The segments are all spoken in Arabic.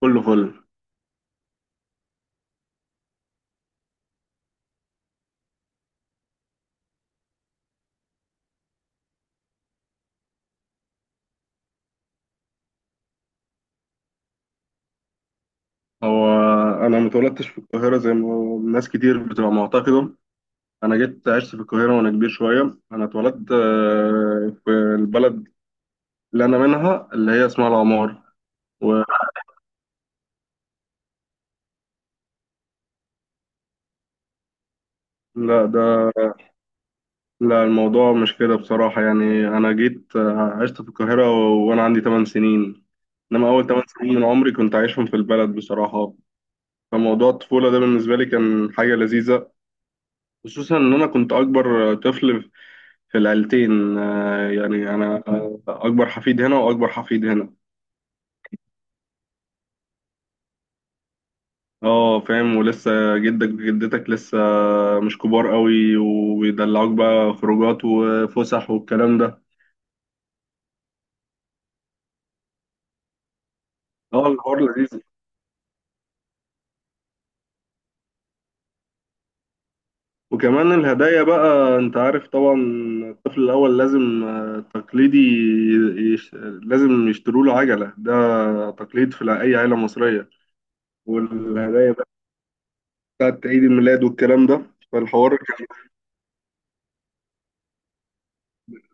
كله فل. هو انا متولدتش في القاهره زي ما ناس كتير بتبقى معتقده. انا جيت عشت في القاهره وانا كبير شويه. انا اتولدت في البلد اللي انا منها، اللي هي اسمها العمار. ولا ده. لا، الموضوع مش كده بصراحه، يعني انا جيت عشت في القاهره وانا عندي 8 سنين، انما اول 8 سنين من عمري كنت عايشهم في البلد بصراحه. فموضوع الطفوله ده بالنسبه لي كان حاجه لذيذه، خصوصا ان انا كنت اكبر طفل في العيلتين، يعني انا اكبر حفيد هنا واكبر حفيد هنا. اه فاهم، ولسه جدك وجدتك لسه مش كبار قوي وبيدلعوك بقى خروجات وفسح والكلام ده. اه الحوار لذيذ، وكمان الهدايا بقى انت عارف طبعا. الطفل الاول لازم تقليدي، لازم يشتروا له عجلة ده، تقليد في اي عيلة مصرية. والهدايا بقى بتاعت عيد الميلاد والكلام ده. فالحوار كان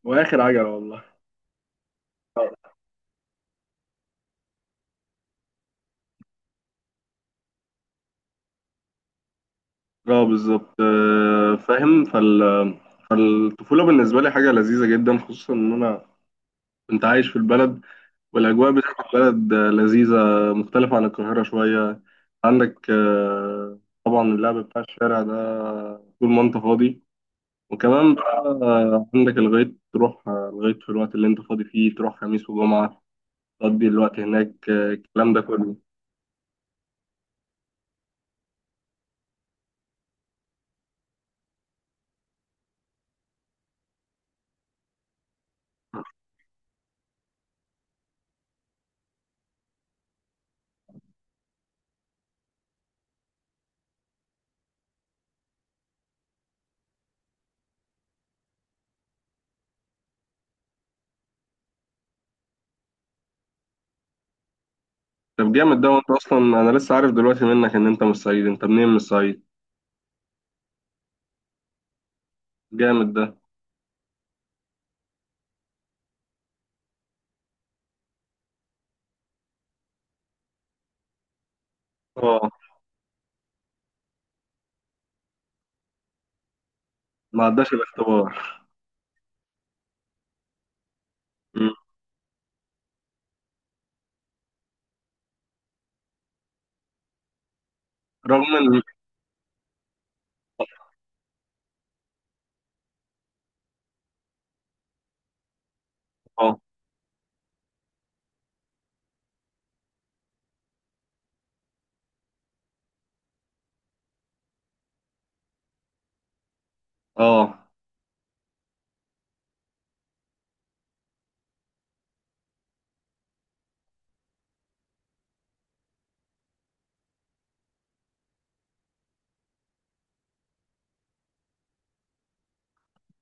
واخر عجلة والله. اه بالظبط، فاهم فالطفولة بالنسبة لي حاجة لذيذة جدا، خصوصا إن أنا كنت عايش في البلد. والأجواء بتاعت البلد لذيذة، مختلفة عن القاهرة شوية. عندك طبعا اللعب بتاع الشارع ده طول ما أنت فاضي. وكمان بقى عندك الغيط، تروح الغيط في الوقت اللي أنت فاضي فيه، تروح خميس وجمعة تقضي الوقت هناك الكلام ده كله. طب جامد ده، وأنت أصلا أنا لسه عارف دلوقتي منك إن أنت مش صعيدي. أنت منين مش صعيد؟ جامد ده. اه ما عداش الاختبار. مم. رغم ان. اه. اه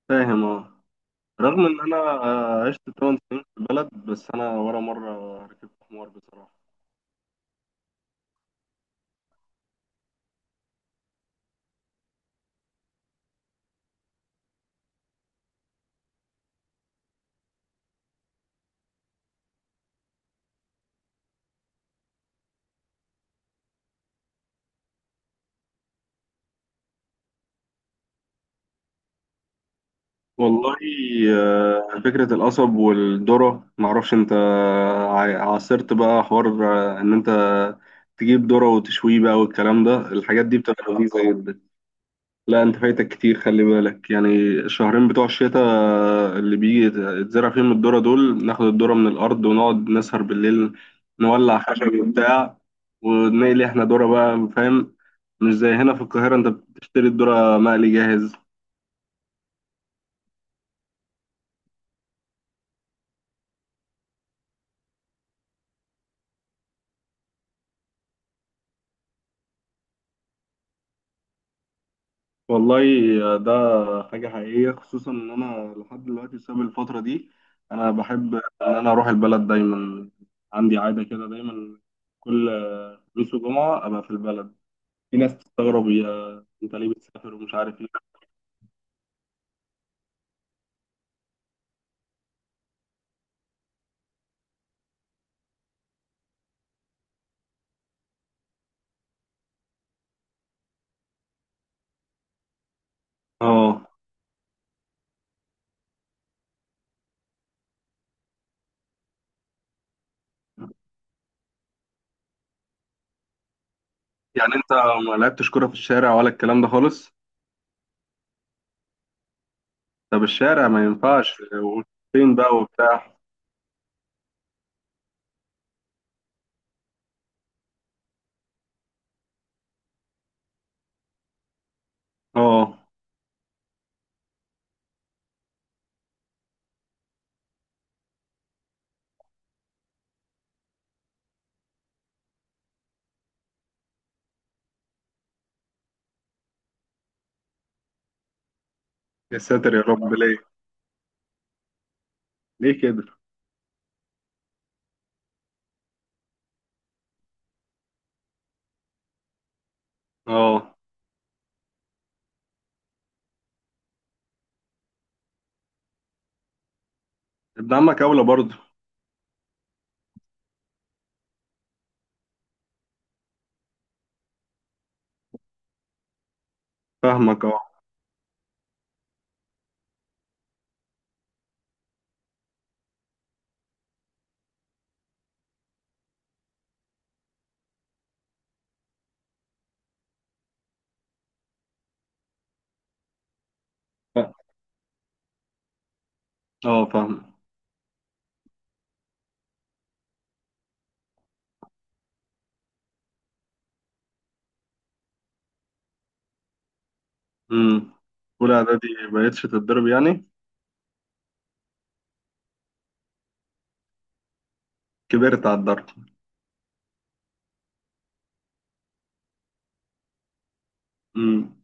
فاهم. اه رغم ان انا عشت 8 سنين في البلد، بس انا ولا مره ركبت حمار بصراحه. والله فكره القصب والذره، معرفش انت عاصرت بقى حوار ان انت تجيب ذره وتشويه بقى والكلام ده، الحاجات دي بتبقى لذيذه جدا. لا انت فايتك كتير خلي بالك يعني. الشهرين بتوع الشتاء اللي بيجي يتزرع فيهم الذرة دول، ناخد الذرة من الأرض ونقعد نسهر بالليل، نولع خشب وبتاع ونقلي احنا ذرة بقى فاهم. مش زي هنا في القاهرة انت بتشتري الذرة مقلي جاهز. والله ده حاجة حقيقية، خصوصا ان انا لحد دلوقتي بسبب الفترة دي انا بحب ان انا اروح البلد دايما. عندي عادة كده دايما، كل خميس وجمعة ابقى في البلد. في ناس تستغرب يا انت ليه بتسافر ومش عارف ايه. اه يعني انت ما لعبتش كرة في الشارع ولا الكلام ده خالص؟ طب الشارع ما ينفعش وفين بقى وبتاع؟ اه يا ساتر يا رب، ليه؟ ليه كده؟ اه ابن عمك اولى برضه. فاهمك اه. اه فاهم. امم. اولى اعدادي بقيتش تتضرب يعني؟ كبرت على الضرب. امم.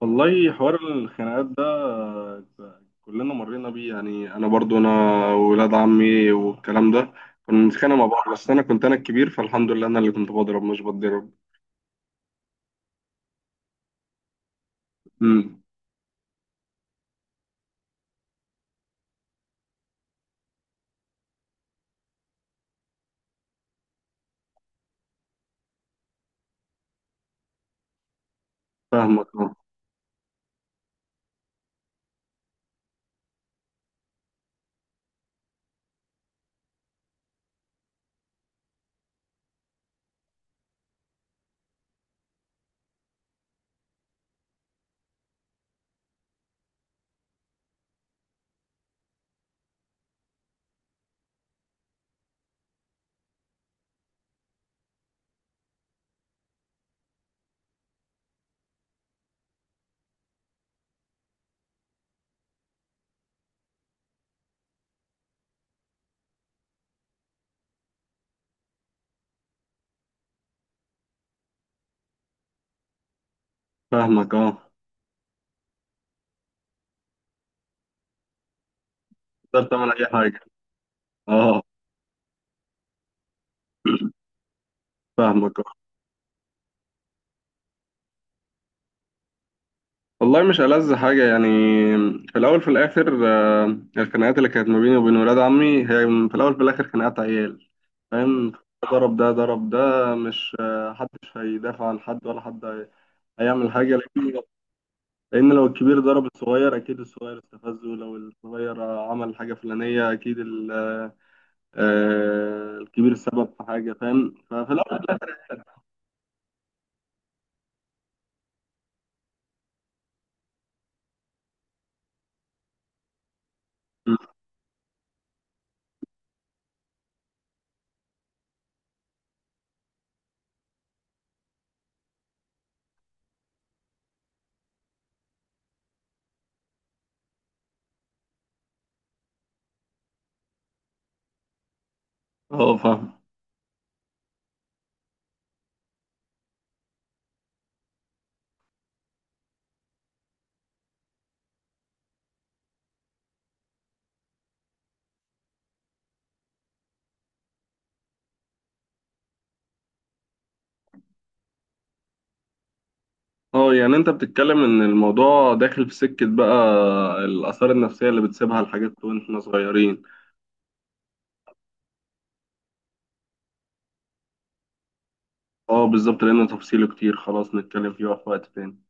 والله حوار الخناقات ده كلنا مرينا بيه، يعني انا برضو انا ولاد عمي والكلام ده كنا بنتخانق مع بعض، بس انا كنت انا الكبير، فالحمد لله انا اللي كنت بضرب مش بتضرب. امم. فاهمك اه. فاهمك اه. تقدر تعمل اي حاجه. اه. فاهمك اه. والله مش ألذ حاجة يعني؟ في الأول في الآخر الخناقات اللي كانت ما بيني وبين ولاد عمي هي في الأول في الآخر خناقات عيال، فاهم. ضرب ده ضرب ده، مش محدش هيدافع عن حد ولا حد هيعمل حاجة. لأن لو الكبير ضرب الصغير أكيد الصغير استفزه، ولو الصغير عمل حاجة فلانية أكيد الكبير سبب في حاجة، فاهم. ففي الأول وفي الآخر- اه فاهم. اه يعني أنت بتتكلم إن الموضوع داخل في سكة بقى، الآثار النفسية اللي بتسيبها الحاجات وإحنا صغيرين. اه بالظبط، لأن تفصيله كتير، خلاص نتكلم فيه في وقت تاني.